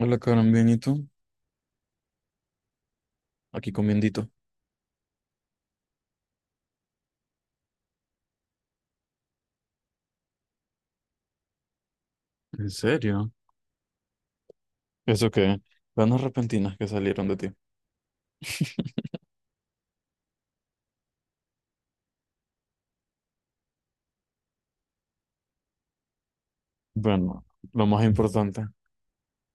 Hola, Karen, bien, ¿y tú? Aquí comiendito. ¿En serio? ¿Eso qué? Ganas repentinas que salieron de ti. Bueno, lo más importante.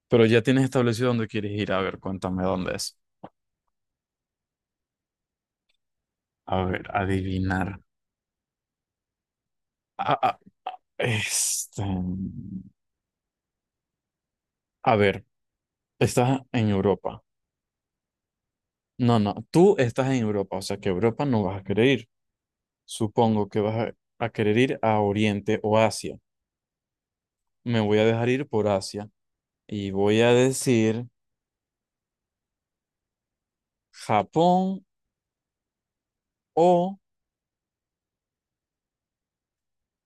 Pero ya tienes establecido dónde quieres ir. A ver, cuéntame dónde es. A ver, adivinar. Ah, ah, este... A ver, estás en Europa. No, no, tú estás en Europa, o sea que a Europa no vas a querer ir. Supongo que vas a querer ir a Oriente o Asia. Me voy a dejar ir por Asia y voy a decir Japón o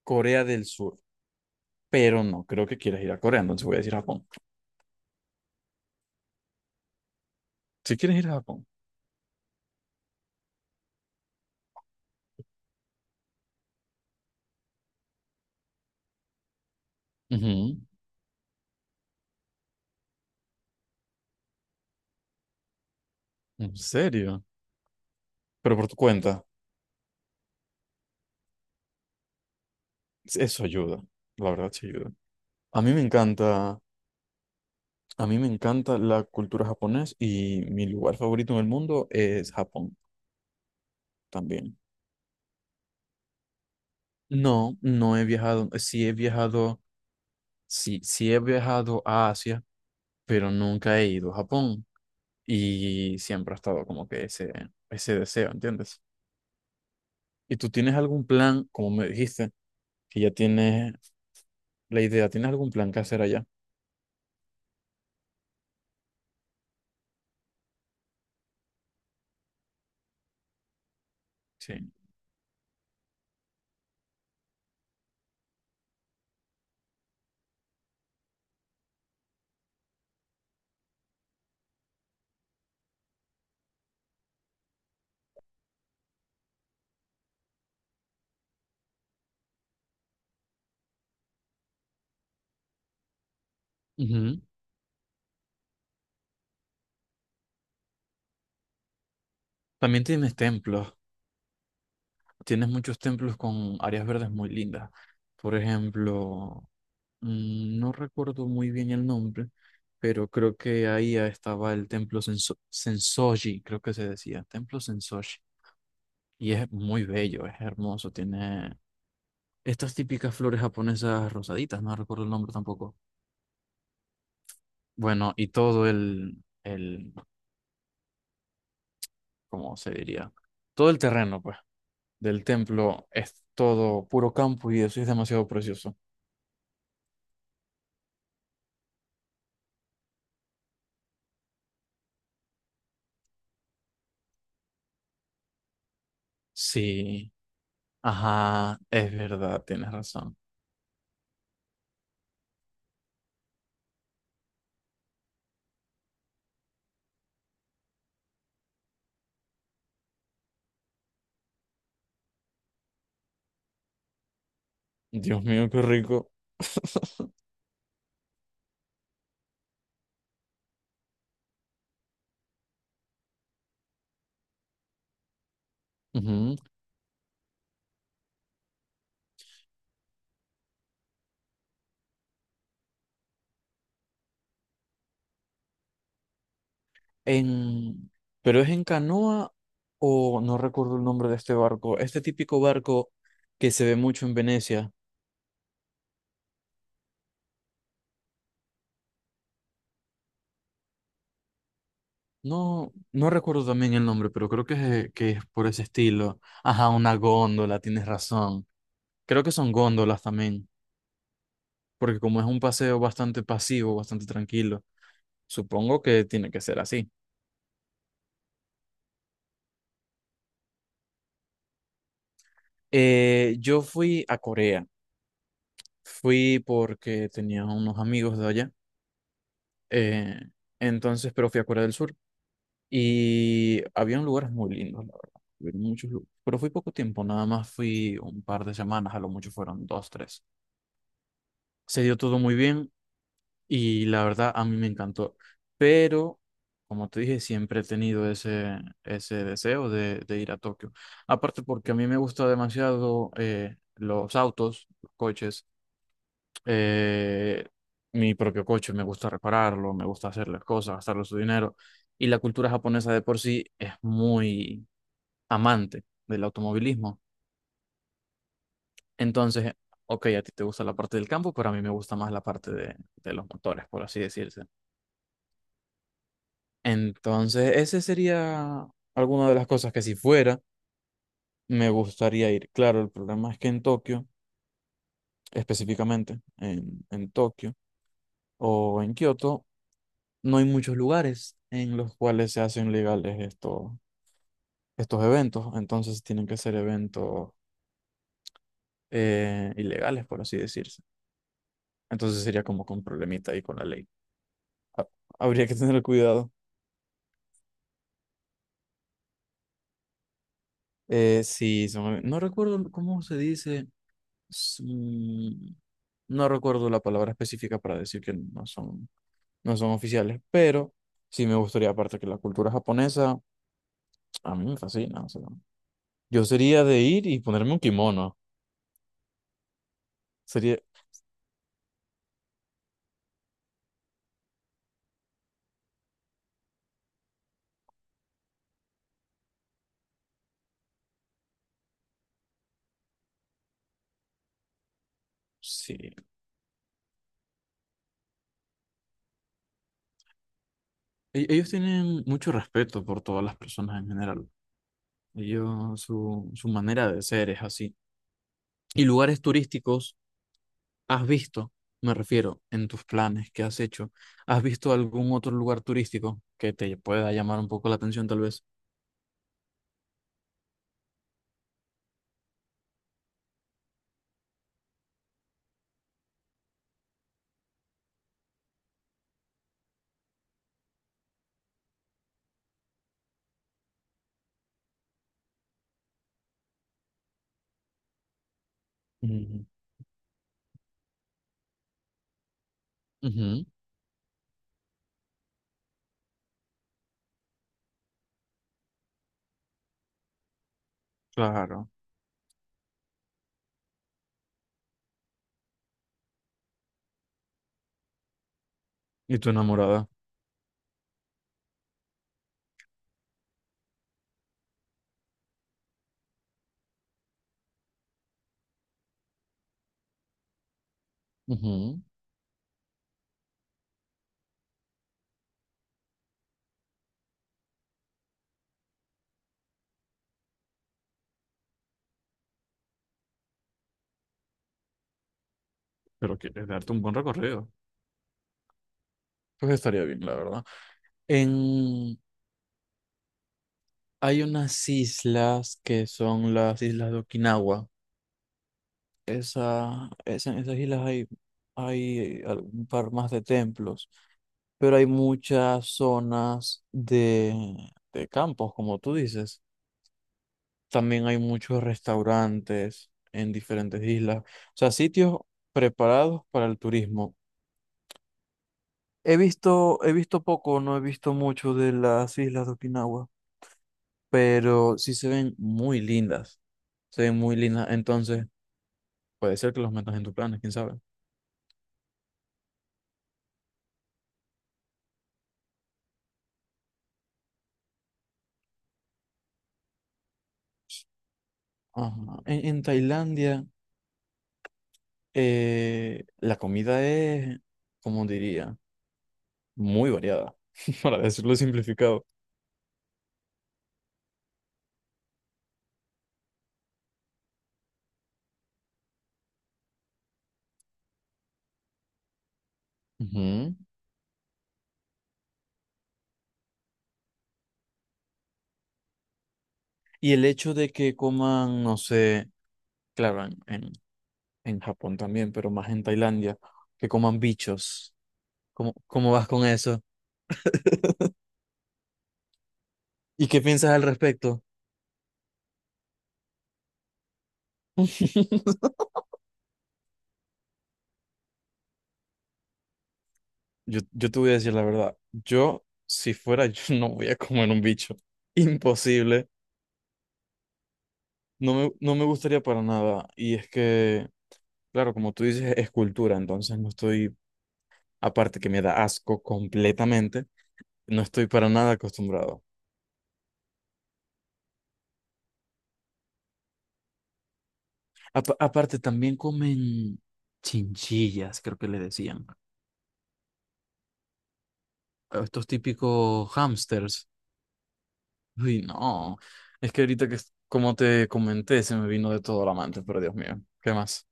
Corea del Sur, pero no creo que quieras ir a Corea, entonces voy a decir Japón. Si quieres ir a Japón. Ujú. ¿En serio? Pero por tu cuenta, eso ayuda, la verdad sí ayuda. A mí me encanta, a mí me encanta la cultura japonesa y mi lugar favorito en el mundo es Japón también. No, no he viajado, sí he viajado, sí, sí he viajado a Asia, pero nunca he ido a Japón y siempre ha estado como que ese deseo, ¿entiendes? ¿Y tú tienes algún plan, como me dijiste, que ya tienes la idea? ¿Tienes algún plan que hacer allá? Sí. Ujú. También tienes templos. Tienes muchos templos con áreas verdes muy lindas. Por ejemplo, no recuerdo muy bien el nombre, pero creo que ahí estaba el templo Sensoji, creo que se decía, templo Sensoji. Y es muy bello, es hermoso, tiene estas típicas flores japonesas rosaditas, no recuerdo el nombre tampoco. Bueno, y todo el, ¿cómo se diría? Todo el terreno, pues. Del templo es todo puro campo y eso es demasiado precioso. Sí, ajá, es verdad, tienes razón. Dios mío, qué rico. Ujú. En... ¿Pero es en canoa o no recuerdo el nombre de este barco? Este típico barco que se ve mucho en Venecia. No, no recuerdo también el nombre, pero creo que que es por ese estilo. Ajá, una góndola, tienes razón. Creo que son góndolas también, porque como es un paseo bastante pasivo, bastante tranquilo, supongo que tiene que ser así. Yo fui a Corea, fui porque tenía unos amigos de allá, eh, entonces, pero fui a Corea del Sur y había lugares muy lindos, la verdad, había muchos lugares, pero fui poco tiempo, nada más fui un par de semanas, a lo mucho fueron dos, tres. Se dio todo muy bien, y la verdad, a mí me encantó. Pero, como te dije, siempre he tenido ese, ese deseo de ir a Tokio. Aparte porque a mí me gusta demasiado los autos, los coches, eh, mi propio coche, me gusta repararlo, me gusta hacer las cosas, gastarle su dinero. Y la cultura japonesa de por sí es muy amante del automovilismo. Entonces, ok, a ti te gusta la parte del campo, pero a mí me gusta más la parte de los motores, por así decirse. Entonces, ese sería alguna de las cosas que si fuera, me gustaría ir. Claro, el problema es que en Tokio, específicamente en Tokio o en Kioto, no hay muchos lugares en los cuales se hacen legales estos, estos eventos. Entonces, tienen que ser eventos ilegales, por así decirse. Entonces, sería como con problemita ahí con la ley. Habría que tener cuidado. Sí, no recuerdo cómo se dice, sí, no recuerdo la palabra específica para decir que no son, no son oficiales, pero sí me gustaría, aparte que la cultura japonesa a mí me fascina. O sea, yo sería de ir y ponerme un kimono. Sería, sí. Ellos tienen mucho respeto por todas las personas en general. Ellos, su manera de ser es así. ¿Y lugares turísticos has visto? Me refiero, en tus planes que has hecho, ¿has visto algún otro lugar turístico que te pueda llamar un poco la atención tal vez? Ujú, ujú. Claro. Y tu enamorada. Ujú. Pero quieres darte un buen recorrido. Pues estaría bien, la verdad. En... Hay unas islas que son las islas de Okinawa. En esas islas hay, hay un par más de templos, pero hay muchas zonas de campos, como tú dices. También hay muchos restaurantes en diferentes islas. O sea, sitios preparados para el turismo. He visto poco, no he visto mucho de las islas de Okinawa, pero sí se ven muy lindas. Se ven muy lindas. Entonces, puede ser que los metas en tus planes, quién sabe. Ajá. En Tailandia, la comida es, como diría, muy variada, para decirlo simplificado. Ujú. Y el hecho de que coman, no sé, claro, en Japón también, pero más en Tailandia, que coman bichos. ¿Cómo, cómo vas con eso? ¿Y qué piensas al respecto? Yo te voy a decir la verdad. Yo, si fuera yo, no voy a comer un bicho. Imposible. No me, no me gustaría para nada. Y es que, claro, como tú dices, es cultura. Entonces no estoy, aparte que me da asco completamente, no estoy para nada acostumbrado. Aparte, también comen chinchillas, creo que le decían. A estos típicos hámsters. Uy, no. Es que ahorita que, como te comenté, se me vino de todo la mente, pero Dios mío, ¿qué más?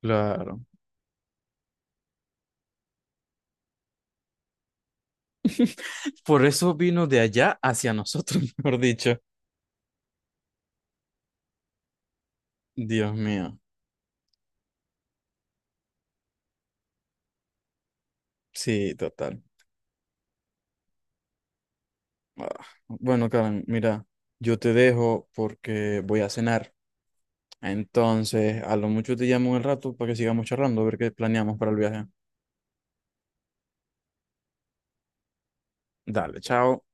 Claro. Por eso vino de allá hacia nosotros, mejor dicho. Dios mío. Sí, total. Ah, bueno, Karen, mira, yo te dejo porque voy a cenar. Entonces, a lo mucho te llamo en el rato para que sigamos charlando, a ver qué planeamos para el viaje. Dale, chao.